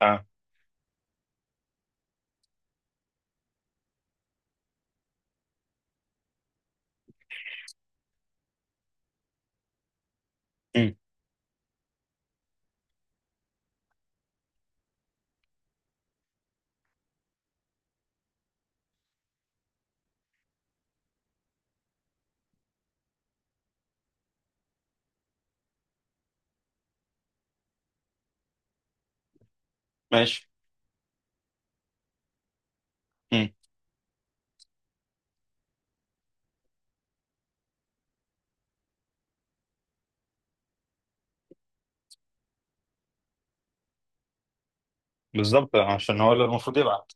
اه. مم. ماشي. مم. بالظبط عشان هو اللي المفروض يبعت.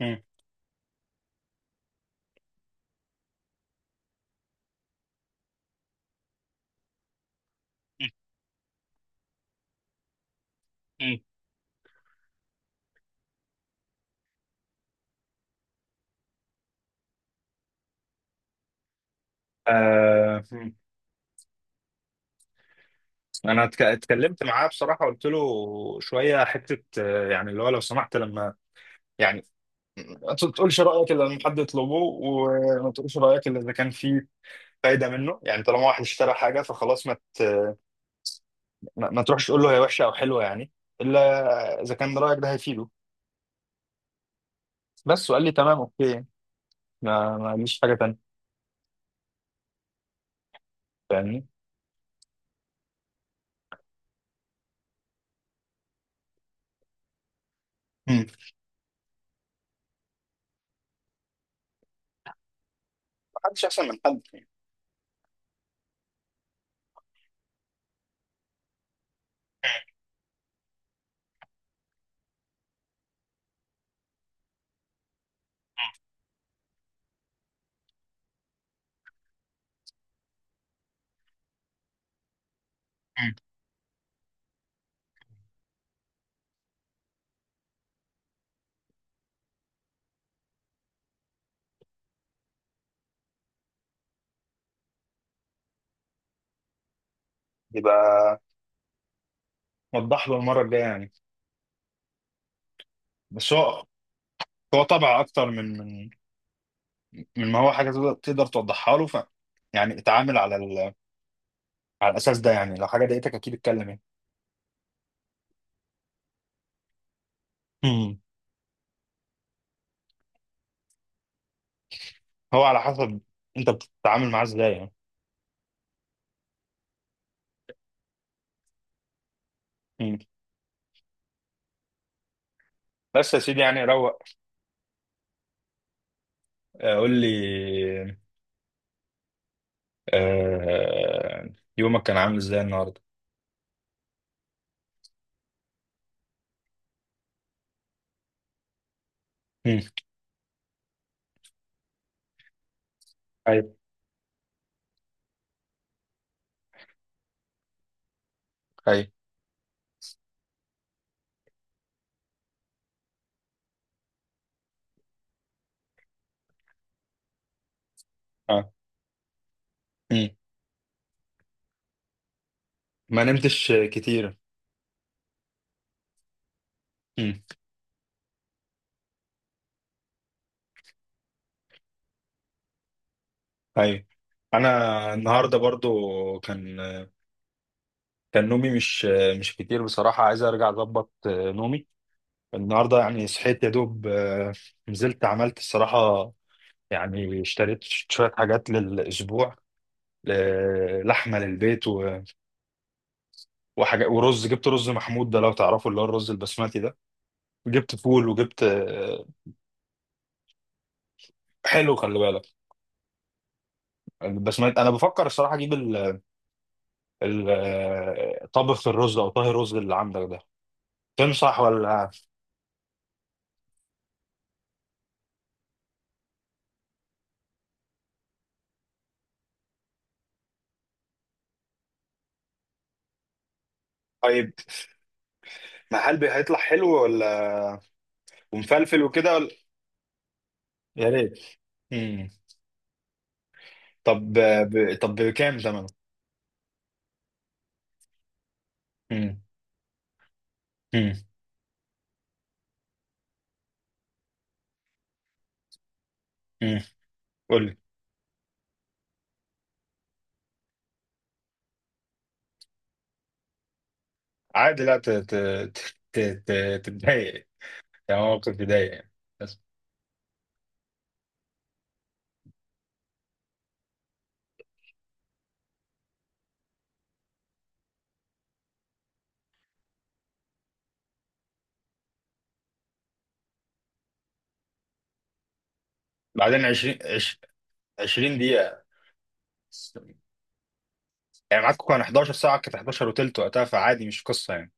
مم. مم. آه. مم. انا اتكلمت معاه بصراحه، قلت له شويه حته، يعني اللي هو لو سمحت، لما يعني ما تقولش رايك الا لما حد يطلبه، وما تقولش رايك الا اذا كان في فايده منه، يعني طالما واحد اشترى حاجه فخلاص، ما تروحش تقول له هي وحشه او حلوه يعني، الا اذا كان رايك ده هيفيده. بس، وقال لي تمام اوكي، ما قاليش حاجه تانيه. فاهمني. مم. ما حدش احسن من حد يعني. مم. يبقى وضح له المره الجايه يعني. بس هو طبع اكتر من ما هو حاجه تقدر توضحها له، يعني اتعامل على على الاساس ده، يعني لو حاجه ضايقتك اكيد اتكلم يعني. مم. هو على حسب انت بتتعامل معاه ازاي يعني. مم. بس يا سيدي يعني روق. قول لي. آه، يومك كان عامل ازاي النهارده؟ مم. ايوه. ايوه. اه. مم. ما نمتش كتير. مم. ايوه. انا النهارده برضو كان نومي مش كتير بصراحة، عايز أرجع أظبط نومي. النهاردة يعني صحيت يا دوب، نزلت عملت الصراحة، يعني اشتريت شوية حاجات للأسبوع، لحمة للبيت وحاجة ورز، جبت رز محمود ده لو تعرفه اللي هو الرز البسمتي ده، جبت فول وجبت، حلو خلي بالك. البسمتي أنا بفكر الصراحة أجيب طبخ الرز أو طهي الرز اللي عندك ده، تنصح ولا؟ طيب، ما هل هيطلع حلو ولا ومفلفل وكده؟ يا ريت. مم. طب، طب بكام زمنه؟ مم. مم. مم. قول لي. عادي، لا ت... ت... ت... ت... تتضايق، يعني موقف يضايق يعني، بس. بعدين 20 20 دقيقة، يعني معاكم كان 11، ساعة كانت 11 وتلت وقتها، فعادي مش قصة يعني.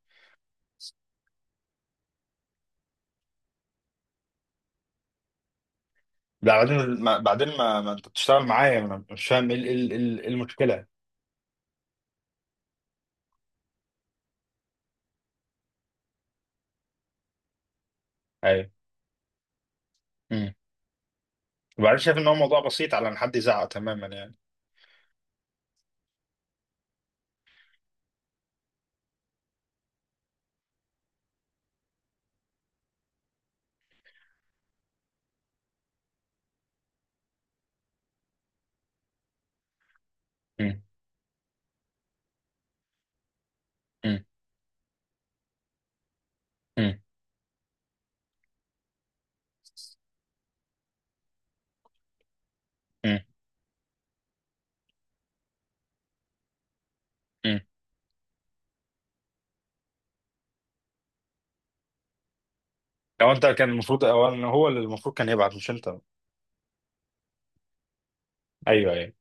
لا، بعدين ما بعدين ما, ما انت بتشتغل معايا، ما انا مش فاهم ايه ال- إيه ال- إيه ال- إيه المشكله. ايوه. امم. وبعدين شايف ان هو موضوع بسيط على ان حد يزعق تماما يعني. امم. امم. امم. لو انت كان المفروض اولا هو اللي المفروض كان يبعت مش انت. ايوه. ايوه.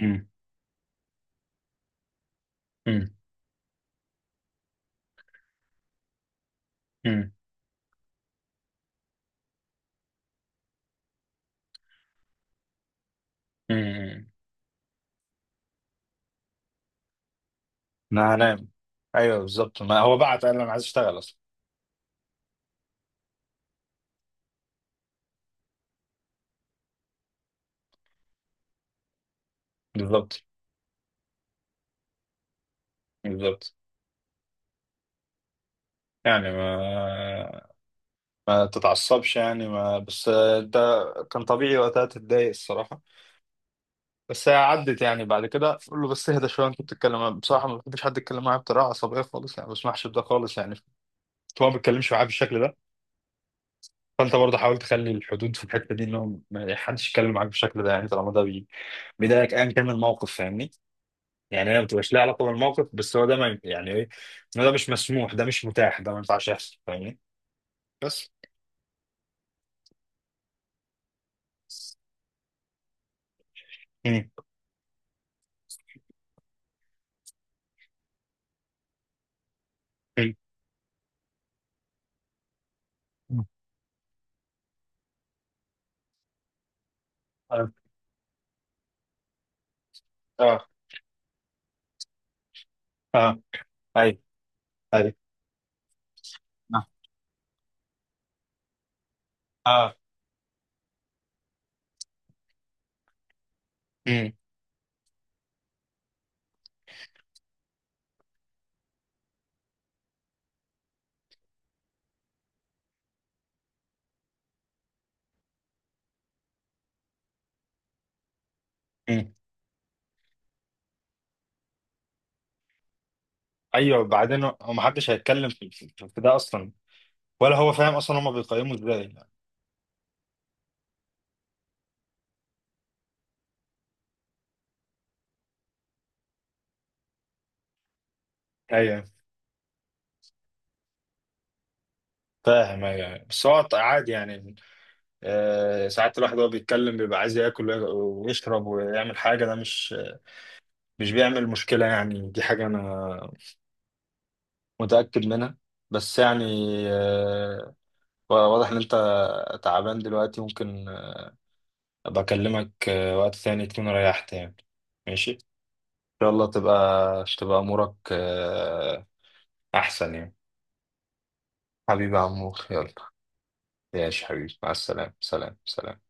امم. امم. امم. امم. انا هنام. ايوه بالظبط، ما هو بعت قال انا عايز اشتغل اصلا. بالظبط. بالظبط. يعني ما تتعصبش يعني، ما بس انت كان طبيعي وقتها تتضايق الصراحه، بس هي عدت يعني، بعد كده قول له بس اهدى شويه، انت بتتكلم، أنا بصراحه ما بحبش حد يتكلم معايا بطريقه عصبيه خالص يعني، ما بسمحش بده خالص يعني، هو ما بيتكلمش معايا بالشكل ده، فانت برضه حاول تخلي الحدود في الحته دي، انهم ما حدش يتكلم معاك بالشكل ده، يعني طالما ده بيضايقك، ايا كان من الموقف، فاهمني. يعني هي ما بتبقاش ليها علاقه بالموقف، بس هو ده، ما يعني ايه، إن ده مش مسموح، ده مش متاح، ده ما ينفعش يحصل، فاهمني. بس. مم. مم. مم. اه. اه. اه. ايوه. ايوه. اه. آه. مم. مم. ايوه. بعدين هو ما حدش هيتكلم في ده اصلا، ولا هو فاهم اصلا، هما بيقيموا ازاي؟ ايوه فاهم. ايوه بس هو عادي يعني، ساعات الواحد وهو بيتكلم بيبقى عايز ياكل ويشرب ويعمل حاجة، ده مش بيعمل مشكلة يعني، دي حاجة أنا متأكد منها، بس يعني، آه، واضح إن أنت تعبان دلوقتي، ممكن أبقى أكلمك وقت ثاني تكون ريحت يعني. ماشي إن شاء الله، تبقى أمورك أحسن يعني. حبيبي يا عمور يلا. ماشي حبيبي، مع السلامة. سلام سلام.